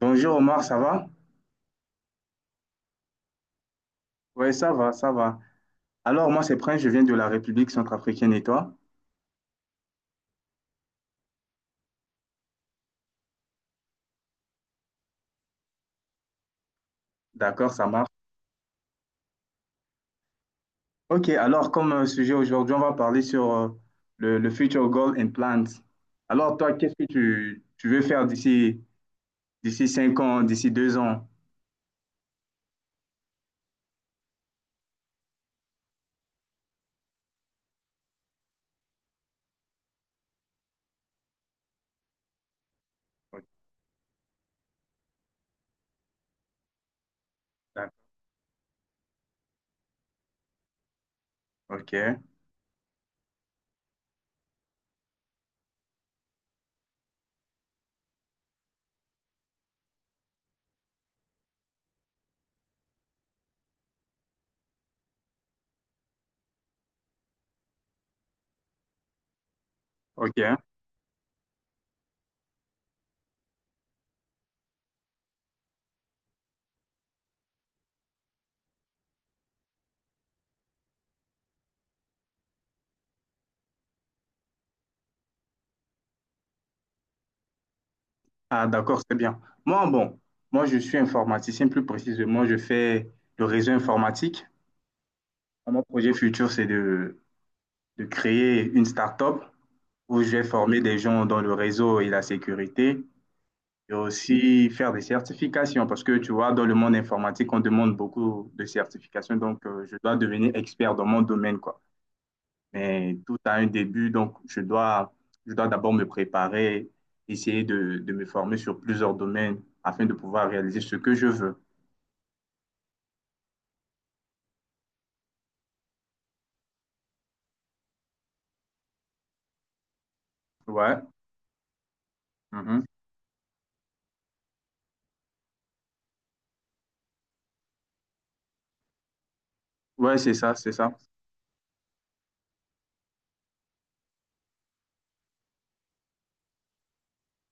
Bonjour Omar, ça va? Oui, ça va, ça va. Alors moi c'est Prince, je viens de la République centrafricaine et toi? D'accord, ça marche. Ok, alors comme sujet aujourd'hui, on va parler sur le Future Goal and Plans. Alors toi, qu'est-ce que tu veux faire d'ici cinq ans, d'ici deux ans? Ok, d'ac- ok. Ok. Ah d'accord, c'est bien. Moi, bon, moi je suis informaticien, plus précisément, je fais le réseau informatique. Mon projet futur, de créer une start-up où j'ai formé des gens dans le réseau et la sécurité, et aussi faire des certifications, parce que tu vois, dans le monde informatique, on demande beaucoup de certifications, donc je dois devenir expert dans mon domaine, quoi. Mais tout a un début, je dois d'abord me préparer, essayer de me former sur plusieurs domaines afin de pouvoir réaliser ce que je veux. Ouais, mhm. Ouais, c'est ça, c'est ça.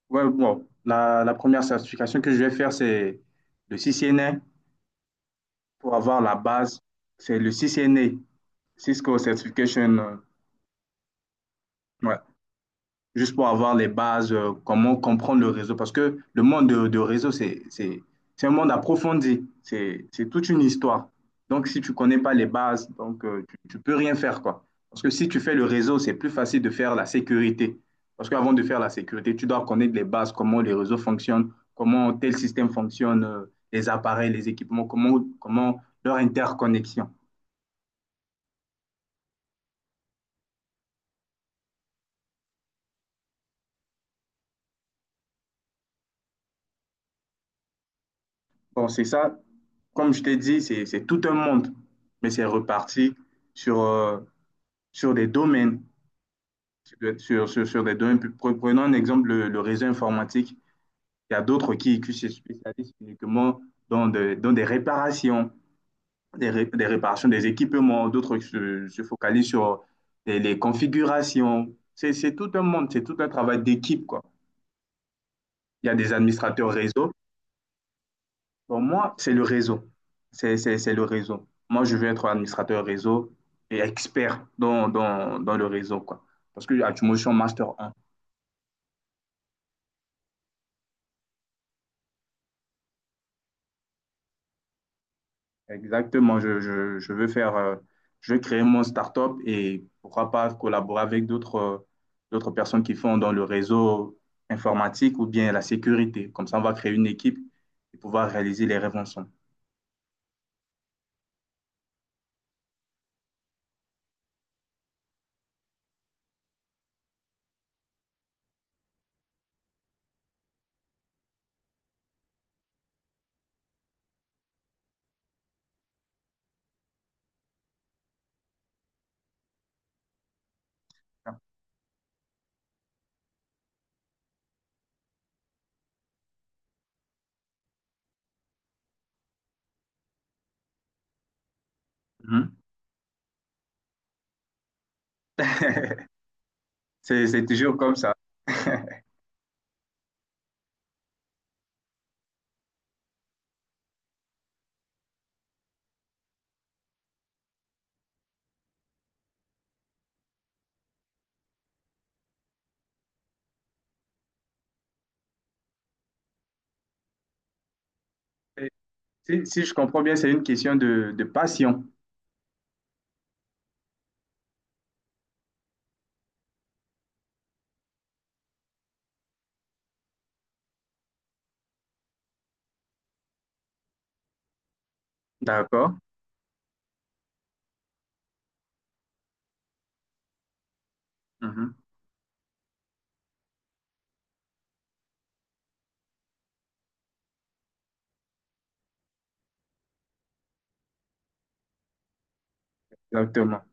Ouais, bon, la première certification que je vais faire, c'est le CCNA, pour avoir la base, c'est le CCNA, Cisco Certification, ouais, juste pour avoir les bases, comment comprendre le réseau. Parce que le monde de réseau, c'est un monde approfondi, c'est toute une histoire. Donc, si tu ne connais pas les bases, donc, tu peux rien faire, quoi. Parce que si tu fais le réseau, c'est plus facile de faire la sécurité. Parce qu'avant de faire la sécurité, tu dois connaître les bases, comment les réseaux fonctionnent, comment tel système fonctionne, les appareils, les équipements, comment leur interconnexion. Bon, c'est ça. Comme je t'ai dit, c'est tout un monde, mais c'est reparti sur, sur des domaines, sur des domaines. Prenons un exemple, le réseau informatique. Il y a d'autres qui se spécialisent uniquement dans des réparations, des réparations des équipements, d'autres qui se focalisent sur les configurations. C'est tout un monde, c'est tout un travail d'équipe, quoi. Il y a des administrateurs réseau. Bon, moi, c'est le réseau. C'est le réseau. Moi, je veux être administrateur réseau et expert dans le réseau, quoi. Parce que actuellement, je suis en Master 1. Exactement, je veux faire, je veux créer mon startup et pourquoi pas collaborer avec d'autres d'autres personnes qui font dans le réseau informatique ou bien la sécurité. Comme ça, on va créer une équipe et pouvoir réaliser les rêves ensemble. Mhm. C'est toujours comme ça. Si, si je comprends bien, c'est une question de passion. D'accord. Mhm. Exactement.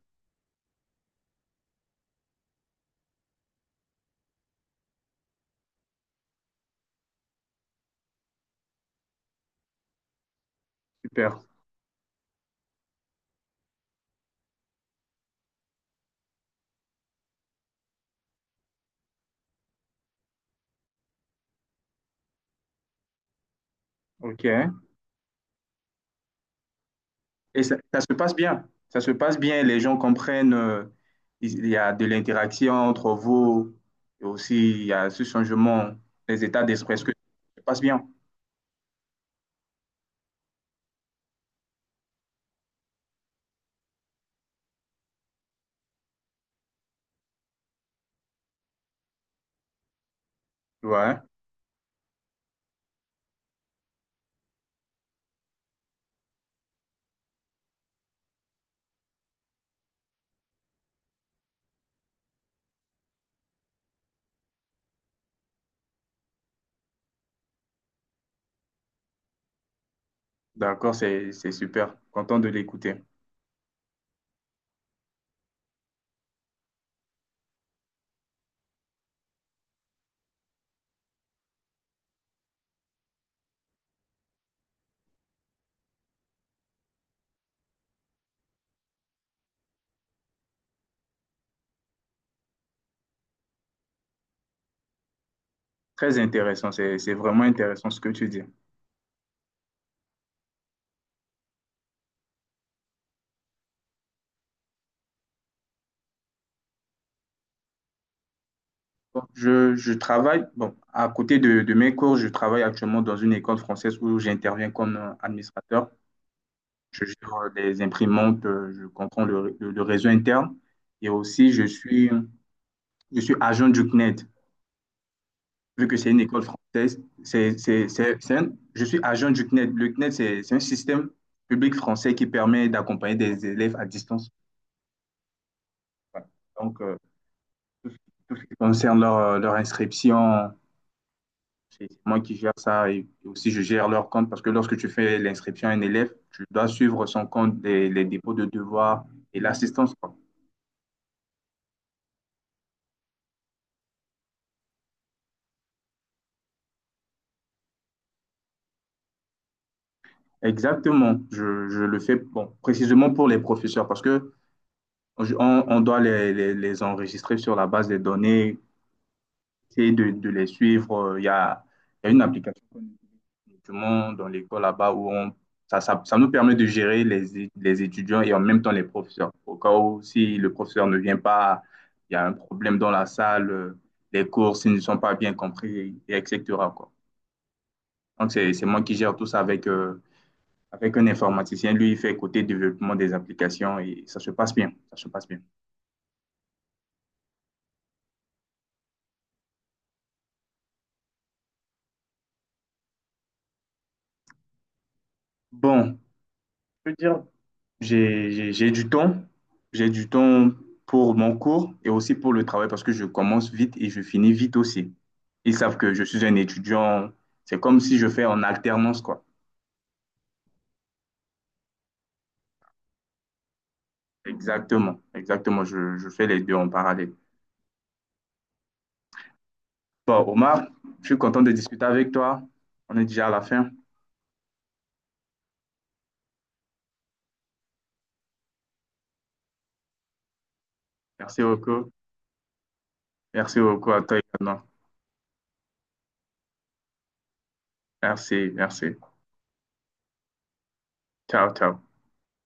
Super. OK. Et ça se passe bien. Ça se passe bien. Les gens comprennent, il y a de l'interaction entre vous. Et aussi, il y a ce changement des états d'esprit. Est-ce que ça se passe bien? Ouais. D'accord. C'est super. Content de l'écouter. Très intéressant. C'est vraiment intéressant ce que tu dis. Bon, je travaille, bon, à côté de mes cours, je travaille actuellement dans une école française où j'interviens comme administrateur. Je gère les imprimantes, je comprends le réseau interne et aussi je suis agent du CNED. Vu que c'est une école française, je suis agent du CNED. Le CNED, c'est un système public français qui permet d'accompagner des élèves à distance. Voilà. Donc, tout ce tout ce qui concerne leur inscription, c'est moi qui gère ça et aussi je gère leur compte parce que lorsque tu fais l'inscription à un élève, tu dois suivre son compte, les dépôts de devoirs et l'assistance, quoi. Exactement, je le fais bon, précisément pour les professeurs parce que on doit les enregistrer sur la base des données, essayer de les suivre. Il y a une application, justement dans l'école là-bas où on, ça nous permet de gérer les étudiants et en même temps les professeurs. Au cas où, si le professeur ne vient pas, il y a un problème dans la salle, les cours, s'ils ne sont pas bien compris, et etc., quoi. Donc, c'est moi qui gère tout ça avec, avec un informaticien. Lui, il fait côté développement des applications et ça se passe bien. Ça se passe bien. Bon, je peux dire, J'ai j'ai- j'ai du temps, j'ai du temps pour mon cours et aussi pour le travail parce que je commence vite et je finis vite aussi. Ils savent que je suis un étudiant, c'est comme si je fais en alternance, quoi. Exactement, exactement, je fais les deux en parallèle. Bon, Omar, je suis content de discuter avec toi. On est déjà à la fin. Merci beaucoup. Merci beaucoup à toi également. Merci, merci. Ciao, ciao.